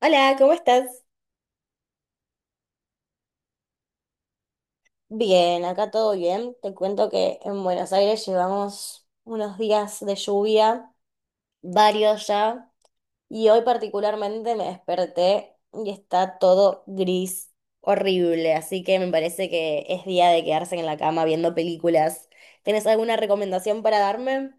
Hola, ¿cómo estás? Bien, acá todo bien. Te cuento que en Buenos Aires llevamos unos días de lluvia, varios ya, y hoy particularmente me desperté y está todo gris, horrible, así que me parece que es día de quedarse en la cama viendo películas. ¿Tienes alguna recomendación para darme?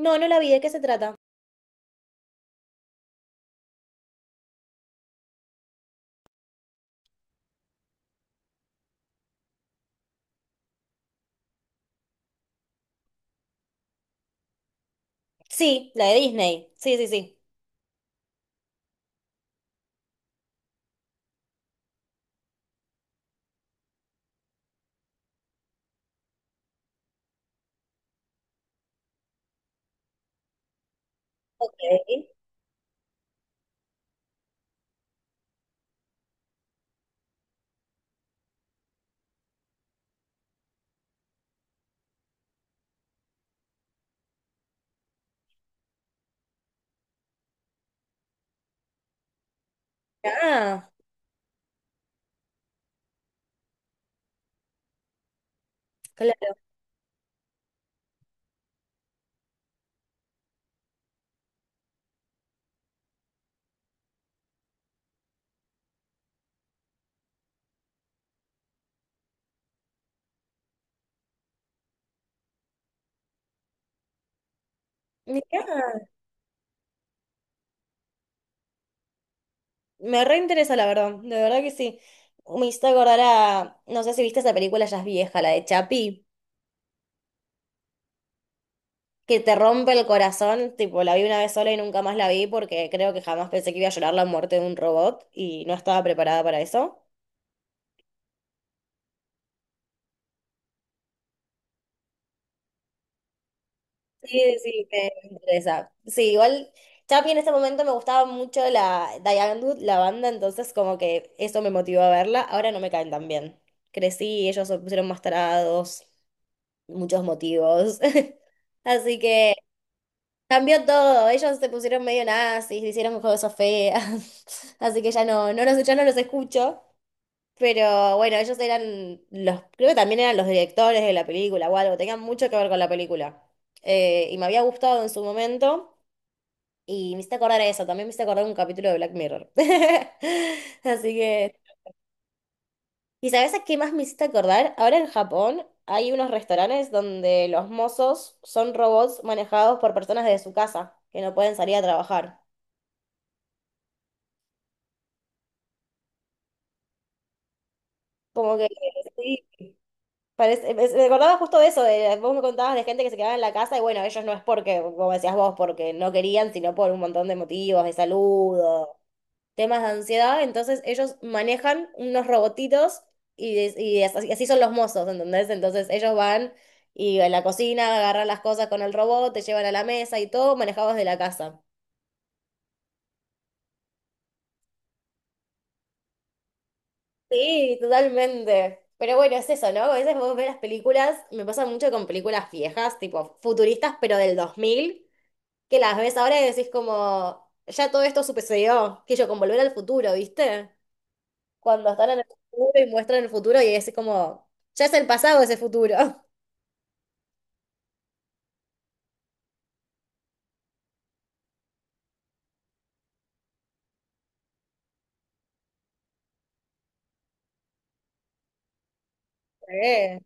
No, no la vi, ¿de qué se trata? Sí, la de Disney. Sí, sí, sí. Ok. Ah, claro. Mirá. Me reinteresa, la verdad, de verdad que sí. Me hizo acordar a, no sé si viste esa película, ya es vieja, la de Chapi, que te rompe el corazón, tipo, la vi una vez sola y nunca más la vi porque creo que jamás pensé que iba a llorar la muerte de un robot y no estaba preparada para eso. Sí, sí, me interesa. Sí, igual Chapi en ese momento me gustaba mucho la Diane Wood, la banda, entonces como que eso me motivó a verla. Ahora no me caen tan bien. Crecí, ellos se pusieron más tarados, muchos motivos. Así que... Cambió todo, ellos se pusieron medio nazis, hicieron cosas feas, así que ya no, ya no los escucho, pero bueno, ellos eran los, creo que también eran los directores de la película o algo, tenían mucho que ver con la película. Y me había gustado en su momento, y me hice acordar a eso, también me hice acordar un capítulo de Black Mirror. Así que, ¿y sabes a qué más me hiciste acordar? Ahora en Japón hay unos restaurantes donde los mozos son robots manejados por personas de su casa, que no pueden salir a trabajar. Como que sí, parece, me acordaba justo de eso, de, vos me contabas de gente que se quedaba en la casa y bueno, ellos no es porque, como decías vos, porque no querían, sino por un montón de motivos, de salud o temas de ansiedad, entonces ellos manejan unos robotitos y, y así son los mozos, ¿entendés? Entonces ellos van y en la cocina agarran las cosas con el robot, te llevan a la mesa y todo manejados de la casa. Sí, totalmente. Pero bueno, es eso, ¿no? A veces vos ves las películas, me pasa mucho con películas viejas, tipo futuristas, pero del 2000 que las ves ahora y decís como, ya todo esto sucedió, que yo con Volver al Futuro, ¿viste? Cuando están en el futuro y muestran el futuro y es como, ya es el pasado ese futuro. Sí.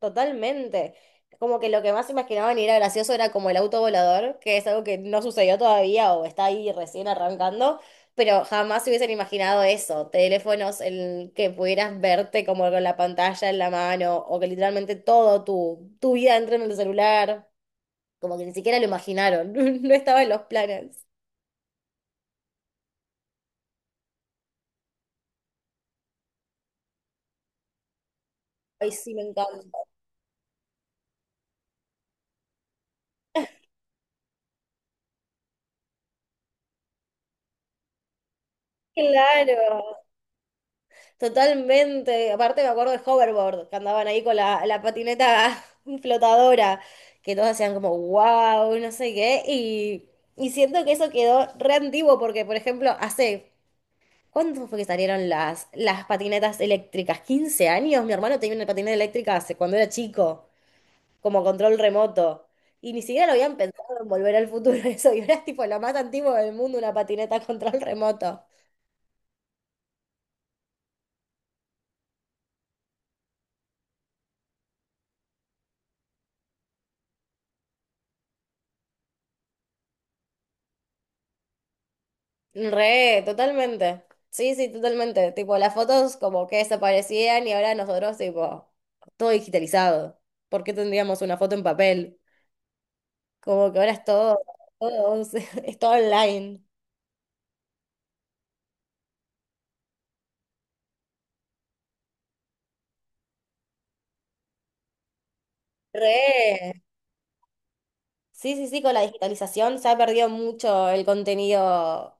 Totalmente. Como que lo que más imaginaban y era gracioso era como el auto volador, que es algo que no sucedió todavía o está ahí recién arrancando, pero jamás se hubiesen imaginado eso. Teléfonos en que pudieras verte como con la pantalla en la mano o que literalmente todo tu vida entra en el celular. Como que ni siquiera lo imaginaron. No estaba en los planes. Ay, sí, me encanta. Claro. Totalmente, aparte me acuerdo de hoverboard, que andaban ahí con la patineta flotadora, que todos hacían como wow, no sé qué, y siento que eso quedó re antiguo porque, por ejemplo, hace, ¿cuánto fue que salieron las patinetas eléctricas? ¿15 años? Mi hermano tenía una patineta eléctrica hace cuando era chico, como control remoto, y ni siquiera lo habían pensado en volver al futuro eso, y ahora es tipo lo más antiguo del mundo, una patineta a control remoto. Re, totalmente. Sí, sí, totalmente. Tipo, las fotos como que desaparecían y ahora nosotros, tipo, todo digitalizado. ¿Por qué tendríamos una foto en papel? Como que ahora es todo, todo, es todo online. Re. Sí, sí, sí, con la digitalización se ha perdido mucho el contenido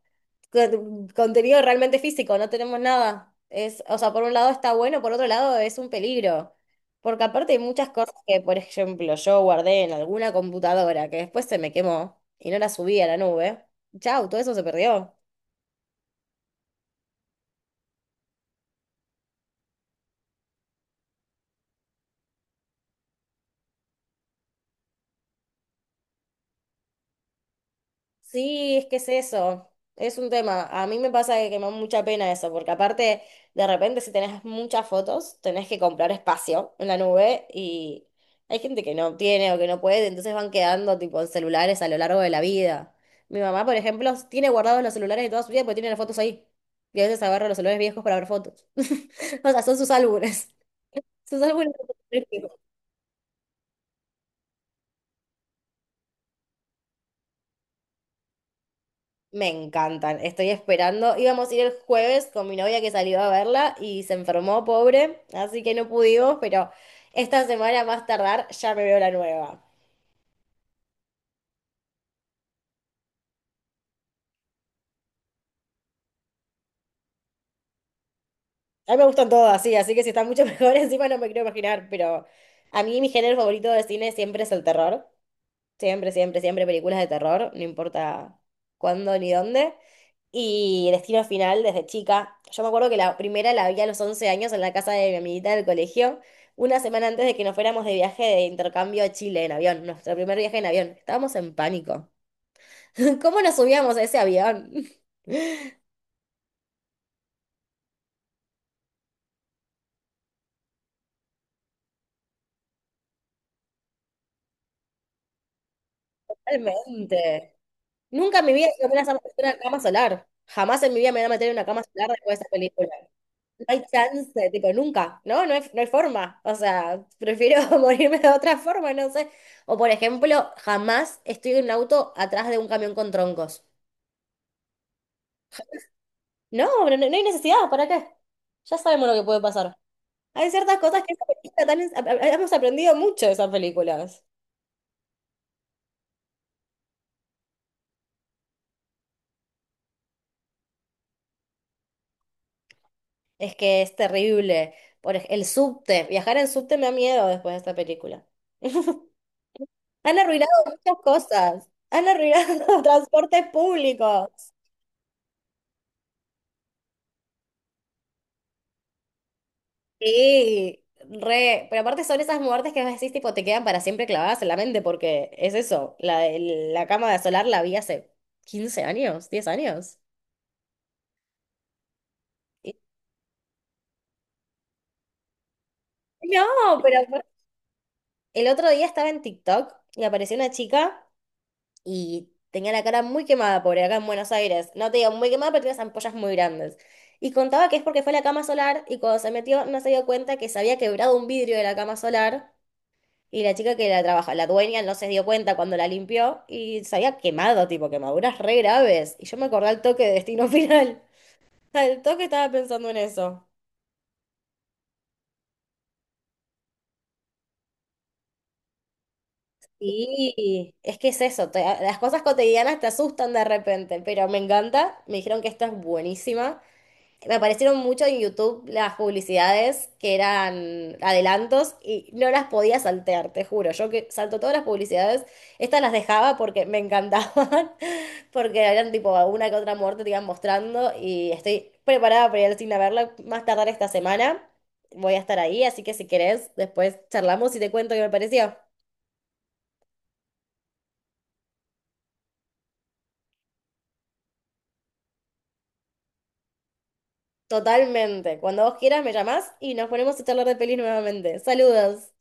contenido realmente físico, no tenemos nada. Es, o sea, por un lado está bueno, por otro lado es un peligro. Porque aparte hay muchas cosas que, por ejemplo, yo guardé en alguna computadora que después se me quemó y no la subí a la nube. Chau, todo eso se perdió. Sí, es que es eso, es un tema. A mí me pasa que me da mucha pena eso, porque aparte, de repente si tenés muchas fotos, tenés que comprar espacio en la nube y hay gente que no tiene o que no puede, entonces van quedando tipo en celulares a lo largo de la vida. Mi mamá, por ejemplo, tiene guardados los celulares de toda su vida porque tiene las fotos ahí. Y a veces agarra los celulares viejos para ver fotos. O sea, son sus álbumes. Sus álbumes. Me encantan, estoy esperando. Íbamos a ir el jueves con mi novia que salió a verla y se enfermó, pobre, así que no pudimos, pero esta semana más tardar ya me veo la nueva. A mí me gustan todas, sí, así que si está mucho mejor encima no me quiero imaginar, pero a mí mi género favorito de cine siempre es el terror. Siempre, siempre, siempre películas de terror, no importa cuándo ni dónde. Y Destino Final desde chica. Yo me acuerdo que la primera la vi a los 11 años en la casa de mi amiguita del colegio, una semana antes de que nos fuéramos de viaje de intercambio a Chile en avión, nuestro primer viaje en avión. Estábamos en pánico. ¿Cómo nos subíamos a ese avión? Realmente nunca en mi vida iba a hacer una cama solar. Jamás en mi vida me voy a meter en una cama solar después de esa película. No hay chance, tipo, nunca, ¿no? No hay, no hay forma. O sea, prefiero morirme de otra forma, no sé. O por ejemplo, jamás estoy en un auto atrás de un camión con troncos. No, no, no hay necesidad, ¿para qué? Ya sabemos lo que puede pasar. Hay ciertas cosas que esa película tan es- a- hemos aprendido mucho de esas películas. Es que es terrible. El subte, viajar en subte me da miedo después de esta película. Han arruinado muchas cosas. Han arruinado transportes públicos. Sí, re, pero aparte son esas muertes que vos decís, tipo, te quedan para siempre clavadas en la mente, porque es eso, la, la cama solar la vi hace 15 años, 10 años. Y no, pero aparte, el otro día estaba en TikTok y apareció una chica y tenía la cara muy quemada, pobre, acá en Buenos Aires. No te digo muy quemada, pero tenía unas ampollas muy grandes. Y contaba que es porque fue a la cama solar y cuando se metió no se dio cuenta que se había quebrado un vidrio de la cama solar. Y la chica que la trabaja, la dueña, no se dio cuenta cuando la limpió y se había quemado, tipo, quemaduras re graves. Y yo me acordé al toque de Destino Final. Al toque estaba pensando en eso. Y es que es eso, te, las cosas cotidianas te asustan de repente, pero me encanta. Me dijeron que esta es buenísima. Me aparecieron mucho en YouTube las publicidades que eran adelantos y no las podía saltear, te juro. Yo que salto todas las publicidades, estas las dejaba porque me encantaban, porque eran tipo una que otra muerte te iban mostrando y estoy preparada para ir al cine a verla más tardar esta semana. Voy a estar ahí, así que si querés, después charlamos y te cuento qué me pareció. Totalmente. Cuando vos quieras me llamás y nos ponemos a charlar de pelis nuevamente. Saludos.